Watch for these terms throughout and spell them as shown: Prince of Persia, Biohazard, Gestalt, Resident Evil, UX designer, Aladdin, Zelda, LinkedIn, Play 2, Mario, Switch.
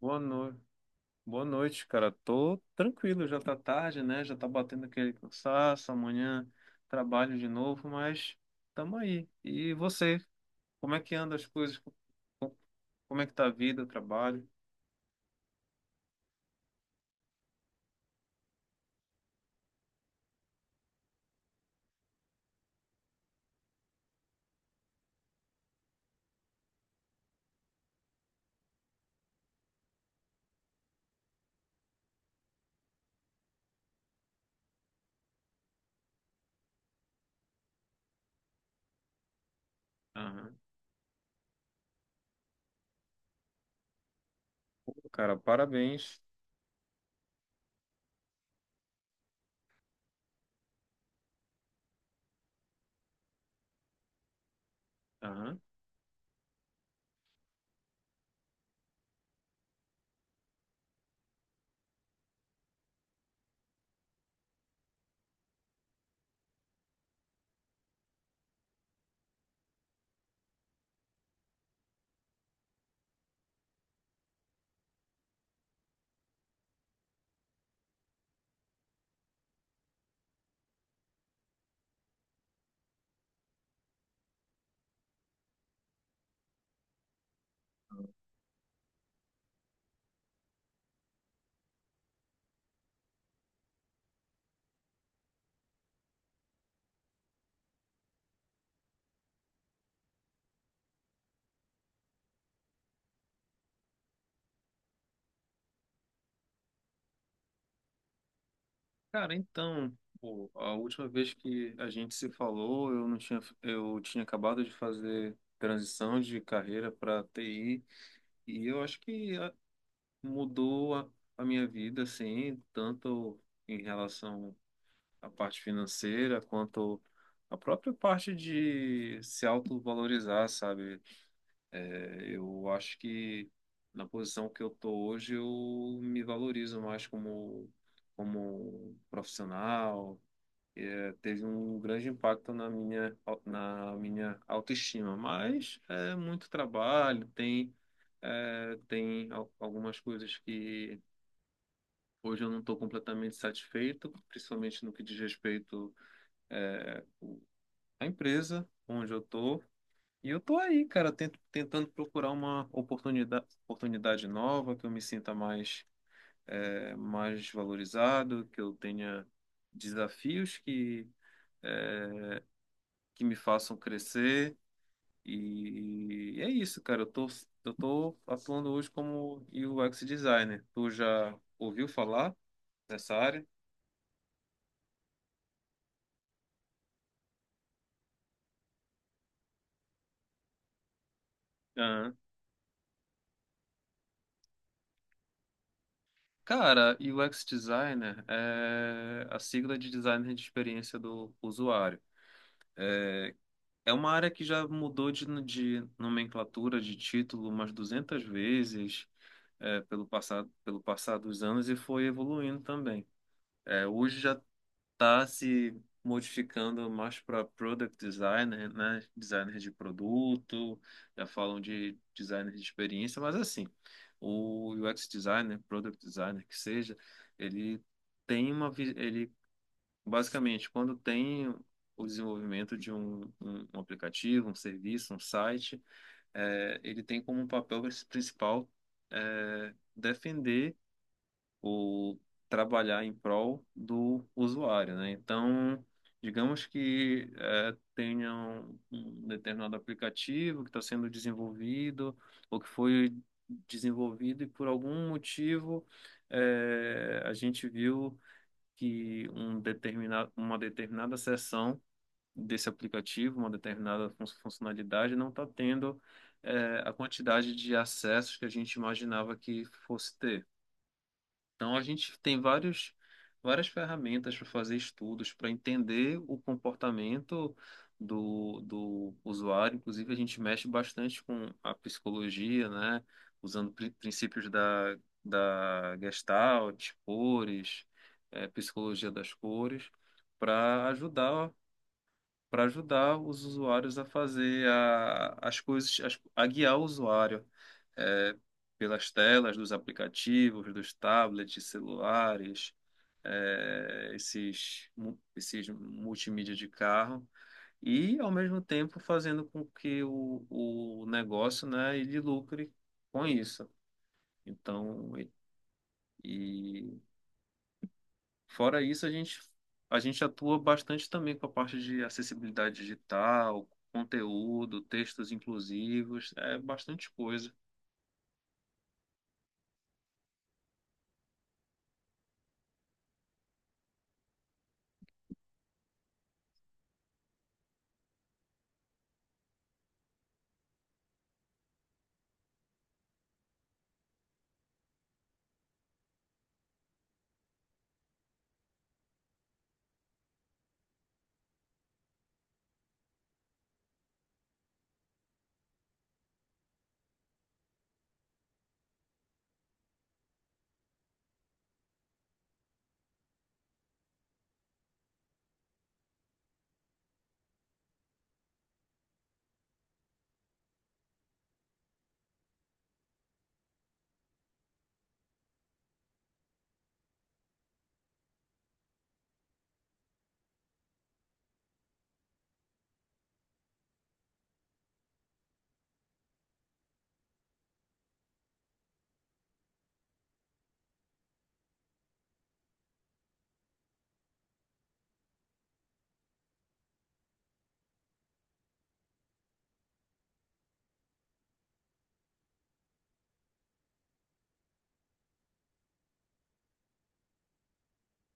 Boa noite. Boa noite, cara. Tô tranquilo, já tá tarde, né? Já tá batendo aquele cansaço, amanhã trabalho de novo, mas tamo aí. E você, como é que anda as coisas? Co- Como é que tá a vida, o trabalho? Aham. Pô, cara, parabéns. Aham. Cara, então, pô, a última vez que a gente se falou, eu não tinha, eu tinha acabado de fazer transição de carreira para TI, e eu acho que mudou a minha vida, assim, tanto em relação à parte financeira, quanto a própria parte de se autovalorizar, sabe? É, eu acho que na posição que eu tô hoje, eu me valorizo mais como profissional. É, teve um grande impacto na na minha autoestima, mas é muito trabalho, tem. É, tem algumas coisas que, hoje, eu não estou completamente satisfeito, principalmente no que diz respeito eh, à empresa onde eu estou. E eu estou aí, cara, tentando procurar uma oportunidade nova, que eu me sinta mais, mais valorizado, que eu tenha desafios que me façam crescer. E é isso, cara. Eu tô atuando hoje como UX designer. Tu já ouviu falar nessa área? Cara, e o UX designer é a sigla de designer de experiência do usuário. É uma área que já mudou de nomenclatura, de título umas 200 vezes, é, pelo passar dos anos, e foi evoluindo também. É, hoje já tá se modificando mais para product designer, né? Designer de produto, já falam de designer de experiência, mas assim, o UX designer, product designer que seja, ele ele basicamente, quando tem o desenvolvimento de um aplicativo, um serviço, um site, ele tem como um papel principal, defender o trabalhar em prol do usuário, né? Então, digamos que, tenha um determinado aplicativo que está sendo desenvolvido ou que foi desenvolvido, e por algum motivo, a gente viu que uma determinada seção desse aplicativo, uma determinada funcionalidade não está tendo, a quantidade de acessos que a gente imaginava que fosse ter. Então, a gente tem várias ferramentas para fazer estudos, para entender o comportamento do usuário. Inclusive, a gente mexe bastante com a psicologia, né? Usando princípios da, da Gestalt, cores, psicologia das cores, para ajudar para ajudar os usuários a fazer as coisas, a guiar o usuário, é, pelas telas dos aplicativos, dos tablets, celulares, é, esses multimídia de carro, e, ao mesmo tempo, fazendo com que o negócio, né, ele lucre com isso. Então, e, fora isso, a gente atua bastante também com a parte de acessibilidade digital, conteúdo, textos inclusivos, é bastante coisa.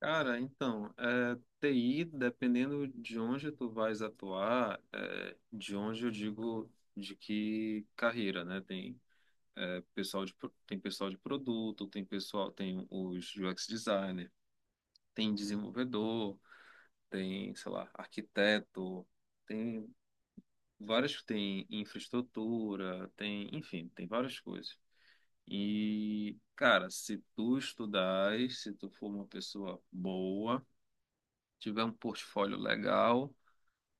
Cara, então, é, TI, dependendo de onde tu vais atuar, é, de onde eu digo, de que carreira, né? Tem, é, tem pessoal de produto, tem pessoal, tem os UX designer, tem desenvolvedor, tem, sei lá, arquiteto, tem várias que tem infraestrutura, tem, enfim, tem várias coisas. E, cara, se tu estudares, se tu for uma pessoa boa, tiver um portfólio legal,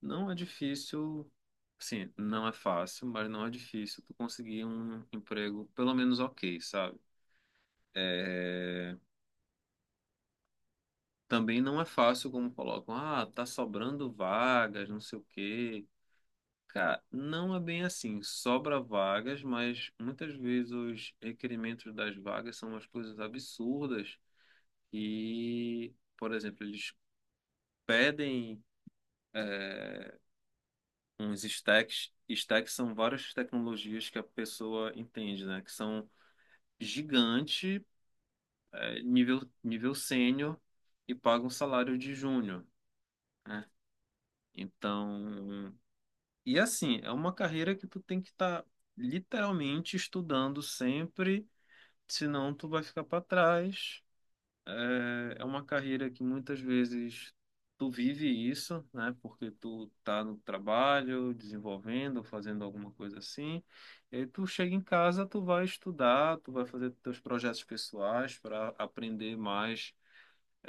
não é difícil, assim, não é fácil, mas não é difícil tu conseguir um emprego pelo menos ok, sabe? É, também não é fácil como colocam, ah, tá sobrando vagas, não sei o quê. Cara, não é bem assim. Sobra vagas, mas muitas vezes os requerimentos das vagas são umas coisas absurdas. E, por exemplo, eles pedem, é, uns stacks. Stacks são várias tecnologias que a pessoa entende, né? Que são gigante, é, nível sênior, e pagam salário de júnior, né? Então, e assim, é uma carreira que tu tem que estar literalmente estudando sempre. Senão, tu vai ficar para trás. É, é uma carreira que muitas vezes tu vive isso, né? Porque tu tá no trabalho, desenvolvendo, fazendo alguma coisa assim. E aí tu chega em casa, tu vai estudar, tu vai fazer teus projetos pessoais para aprender mais,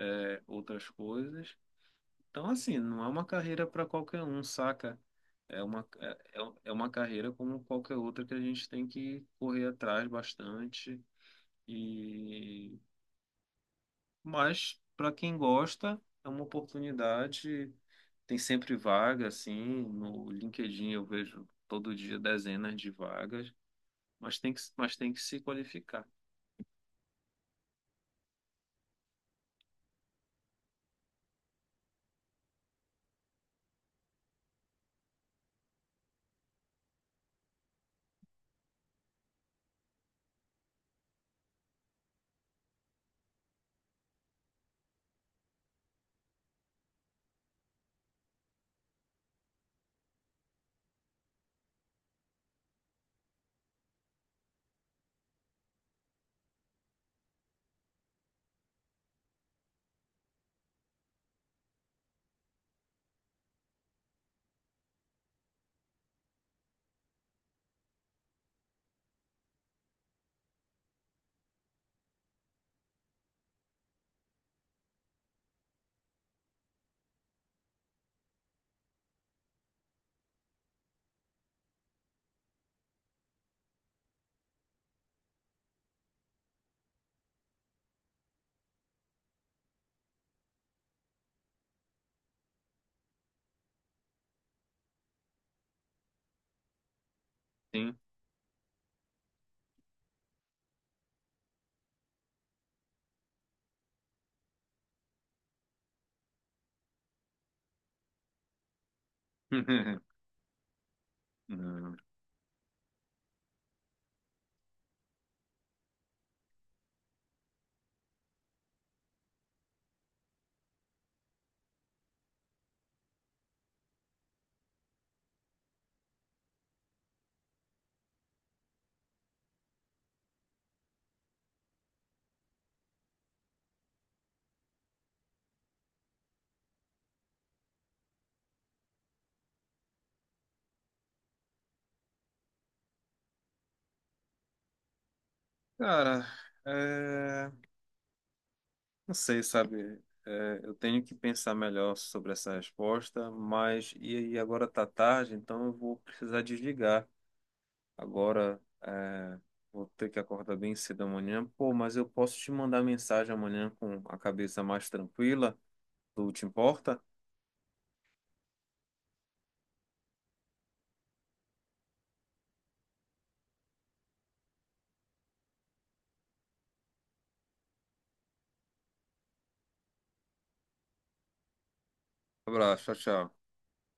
é, outras coisas. Então, assim, não é uma carreira para qualquer um, saca? É é uma carreira como qualquer outra, que a gente tem que correr atrás bastante. E, mas para quem gosta, é uma oportunidade, tem sempre vaga, assim, no LinkedIn eu vejo todo dia dezenas de vagas, mas mas tem que se qualificar. Sim. Não. Cara, é, não sei, sabe? É, eu tenho que pensar melhor sobre essa resposta, mas, e agora tá tarde, então eu vou precisar desligar. Agora é, vou ter que acordar bem cedo amanhã. Pô, mas eu posso te mandar mensagem amanhã com a cabeça mais tranquila? Tu te importa? Abraço, tchau, tchau.